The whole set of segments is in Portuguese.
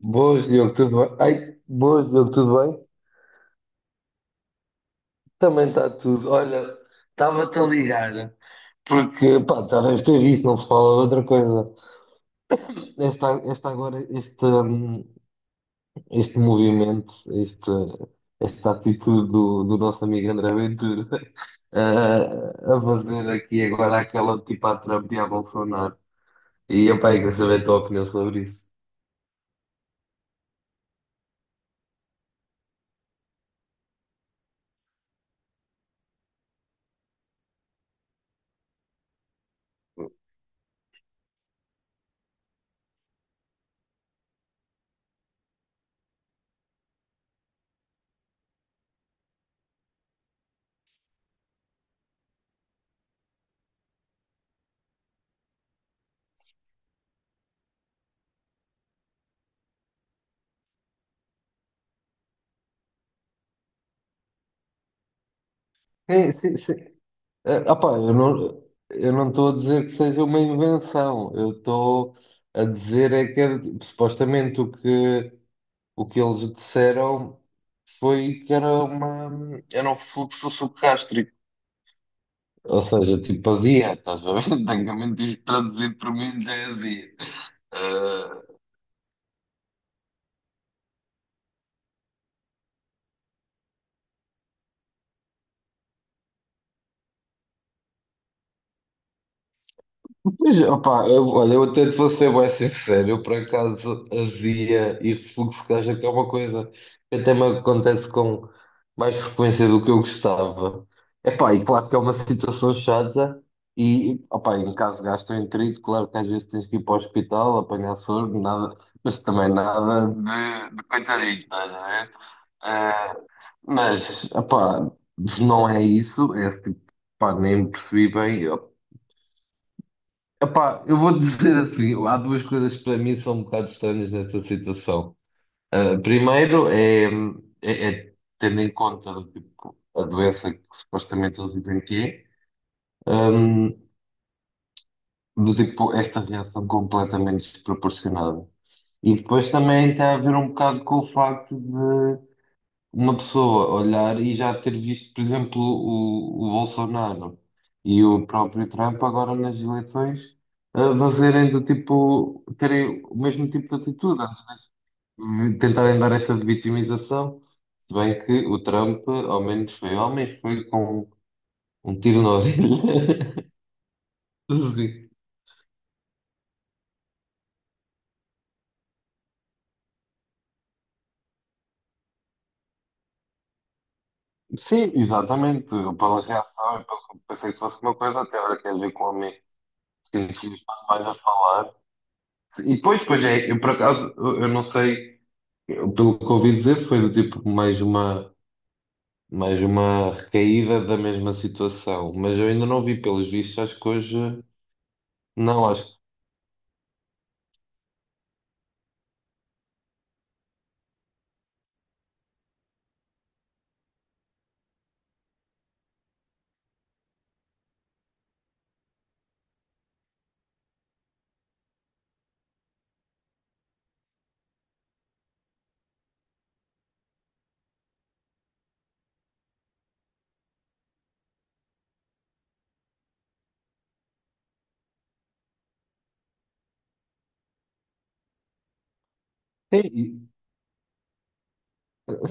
Boas, Diogo, tudo bem? Ai, boas, Diogo, tudo bem? Também está tudo. Olha, estava-te a ligar, porque, pá, já deves ter visto, não se fala de outra coisa. Esta agora, este este movimento, este, esta atitude do nosso amigo André Ventura, a fazer aqui agora aquela tipo à Trump e à Bolsonaro. E, pá, eu quero saber a tua opinião sobre isso. Sim, sim, sim. Opá, eu não estou a dizer que seja uma invenção, eu estou a dizer é que supostamente o que eles disseram foi que era um refluxo subgástrico, ou seja, tipo azia, estás a ver? Tecnicamente isto traduzido por mim já é azia. Pois, opá, eu, olha, eu até te vou ser bem sincero, eu por acaso havia e fluxo de caixa, que é uma coisa que até me acontece com mais frequência do que eu gostava. Epá, e claro que é uma situação chata e, opá, em caso de gastroenterite, claro que às vezes tens que ir para o hospital, apanhar soro, nada, mas também nada de coitadinho, estás a ver? Ah, mas, opá, não é isso, é esse tipo, pá, nem percebi bem. Epá, eu vou dizer assim, há duas coisas que para mim são um bocado estranhas nesta situação. Ah, primeiro é tendo em conta do tipo, a doença que supostamente eles dizem que é do tipo esta reação completamente desproporcionada. E depois também tem a ver um bocado com o facto uma pessoa olhar e já ter visto, por exemplo, o Bolsonaro e o próprio Trump agora nas eleições a fazerem do tipo, terem o mesmo tipo de atitude, antes de tentarem dar essa de vitimização, se bem que o Trump ao menos foi homem, foi com um tiro na orelha. Sim. Sim, exatamente. Pela reação, pensei que fosse uma coisa até agora quer ver com o homem. Sim, sim, está mais a falar. E depois, pois é, eu por acaso, eu não sei, pelo que ouvi dizer, foi do tipo mais uma recaída da mesma situação, mas eu ainda não vi pelos vistos, acho que hoje, não, acho que. Sim.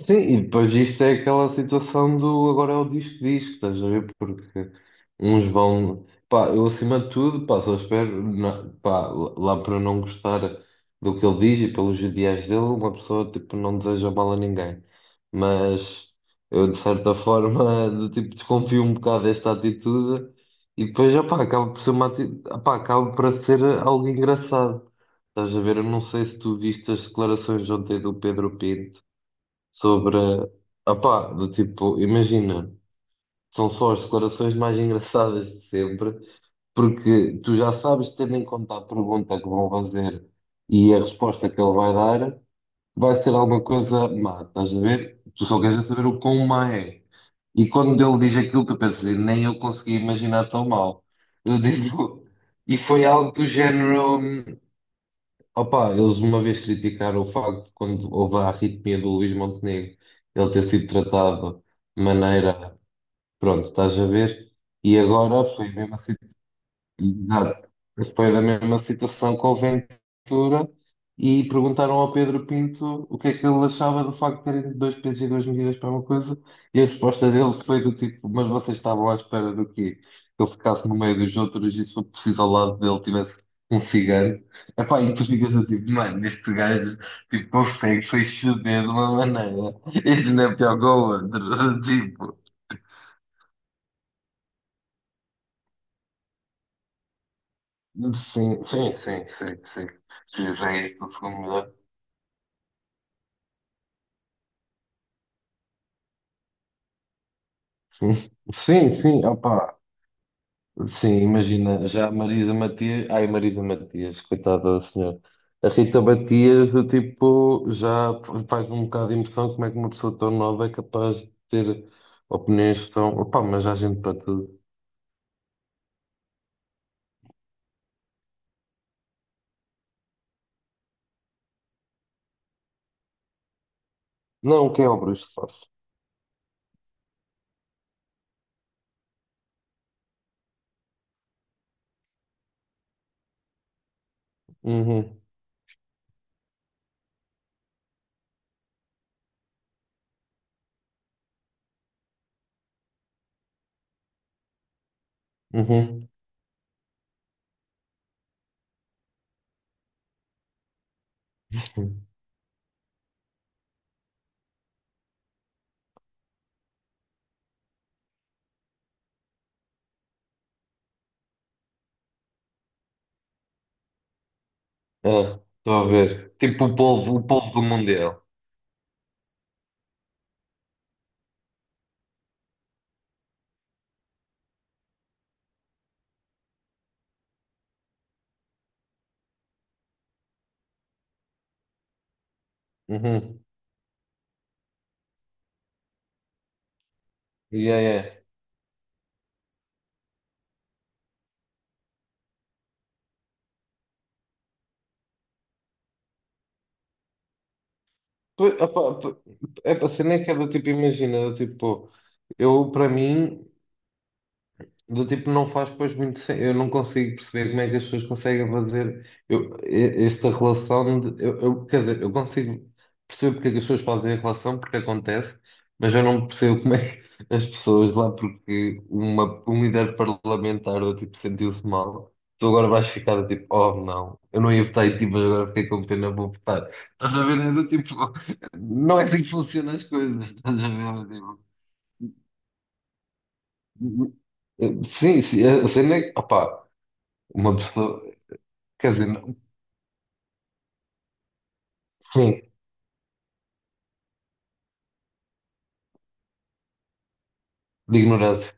Sim, e depois isto é aquela situação do agora é o disco, estás a ver? Porque uns vão. Pá, eu acima de tudo, pá, só espero, pá, lá para não gostar do que ele diz e pelos ideais dele, uma pessoa tipo não deseja mal a ninguém. Mas eu de certa forma do tipo desconfio um bocado desta atitude e depois, opá, acaba por ser uma atitude, opá, acaba por ser algo engraçado. Estás a ver? Eu não sei se tu viste as declarações ontem do Pedro Pinto sobre, opá, do tipo, imagina, são só as declarações mais engraçadas de sempre, porque tu já sabes, tendo em conta a pergunta que vão fazer e a resposta que ele vai dar, vai ser alguma coisa má, estás a ver? Tu só queres é saber o quão má é. E quando ele diz aquilo, tu pensas, assim, nem eu consegui imaginar tão mal. Eu digo, e foi algo do género. Opa, eles uma vez criticaram o facto de quando houve a arritmia do Luís Montenegro, ele ter sido tratado de maneira, pronto, estás a ver? E agora foi mesmo assim. Exato. Foi da mesma situação com o Ventura e perguntaram ao Pedro Pinto o que é que ele achava do facto de terem dois pesos e duas medidas para uma coisa e a resposta dele foi do tipo, mas vocês estavam à espera do quê? Que ele ficasse no meio dos outros e se for preciso ao lado dele tivesse um cigano. Epá, e tu ficas a tipo, mano, este gajo tipo, consegue se exceder de uma maneira. Este não é pior que o outro. Tipo, sim, sim, sim, sim, sim. Se fizer isto, o segundo melhor. Sim, sim, opa, sim, imagina, já a Marisa Matias, ai Marisa Matias, coitada da senhora, a Rita Matias, do tipo, já faz um bocado de impressão como é que uma pessoa tão nova é capaz de ter opiniões que são, opa, mas há gente para tudo. Não, que é obras de fato. Uhum, uhum. É, estou a ver. Tipo o povo do Mundial. Uhum. Yeah, yeah. Pois, opa, é para ser nem que é do tipo, imagina, do tipo, eu para mim. Do tipo, não faz depois muito Eu não consigo perceber como é que as pessoas conseguem fazer esta relação. Quer dizer, eu consigo perceber porque é que as pessoas fazem a relação, porque acontece, mas eu não percebo como é que as pessoas lá, porque um líder parlamentar do tipo sentiu-se mal. Tu agora vais ficar do tipo, oh não, eu não ia votar em ti, mas agora fiquei com pena, vou votar. Estás a ver? É do tipo, não é assim que funcionam as coisas, estás a ver? É do tipo, Sim, sim, a cena é que, opá, uma pessoa, quer dizer, não- sim, de ignorância.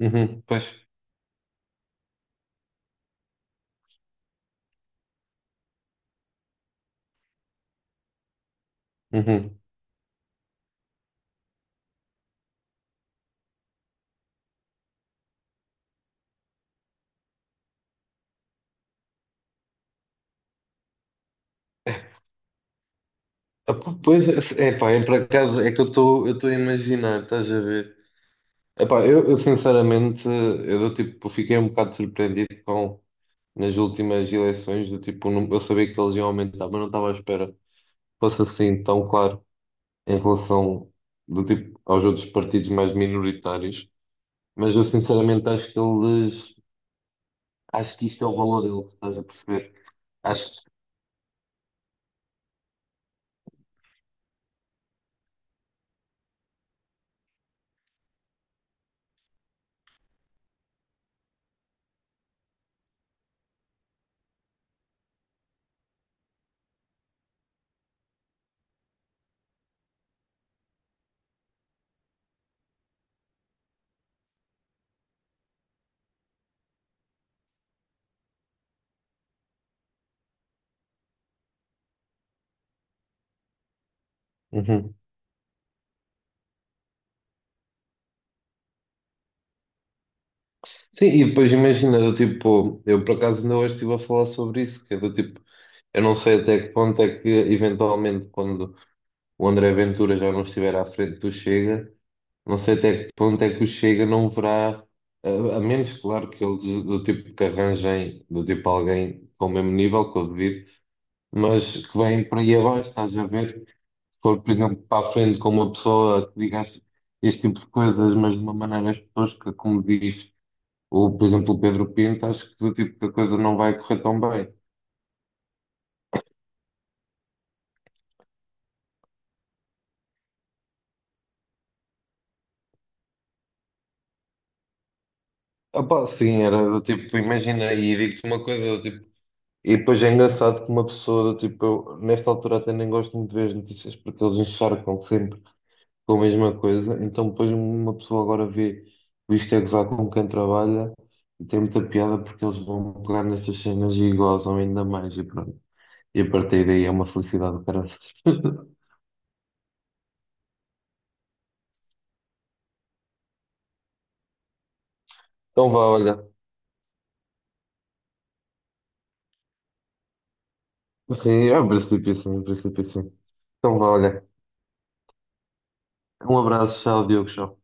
Uhum, pois, uhum. Ah, Pois, é pá, é por acaso, é que eu estou a imaginar, estás a ver? Epá, eu sinceramente, eu do tipo, fiquei um bocado surpreendido com, nas últimas eleições, do tipo, eu sabia que eles iam aumentar, mas não estava à espera que fosse assim tão claro em relação, do tipo, aos outros partidos mais minoritários. Mas eu sinceramente acho que eles, acho que isto é o valor deles, estás a perceber? Acho. Sim, e depois imagina, do tipo, eu por acaso ainda hoje estive a falar sobre isso, que é do tipo, eu não sei até que ponto é que eventualmente quando o André Ventura já não estiver à frente do Chega, não sei até que ponto é que o Chega não verá, a, a menos claro que eles do tipo que arranjem, do tipo alguém com o mesmo nível que o devido, mas que vem para aí abaixo, estás a ver? Se for, por exemplo, para a frente com uma pessoa que diga este tipo de coisas, mas de uma maneira tosca, como diz. O por exemplo, o Pedro Pinto, acho que do tipo que a coisa não vai correr tão bem. Opa, sim, era do tipo, imagina, e digo-te uma coisa, do tipo, e depois é engraçado que uma pessoa, do tipo, eu nesta altura até nem gosto muito de ver as notícias porque eles encharcam sempre com a mesma coisa, então depois uma pessoa agora vê o Isto é Gozar com quem trabalha e tem muita piada porque eles vão pegar nestas cenas e gozam ainda mais e pronto. E a partir daí é uma felicidade, parece. Então vá, olha. Sim, é um princípio sim, um princípio sim. Então vá, olha. Um abraço, tchau, Diogo, tchau.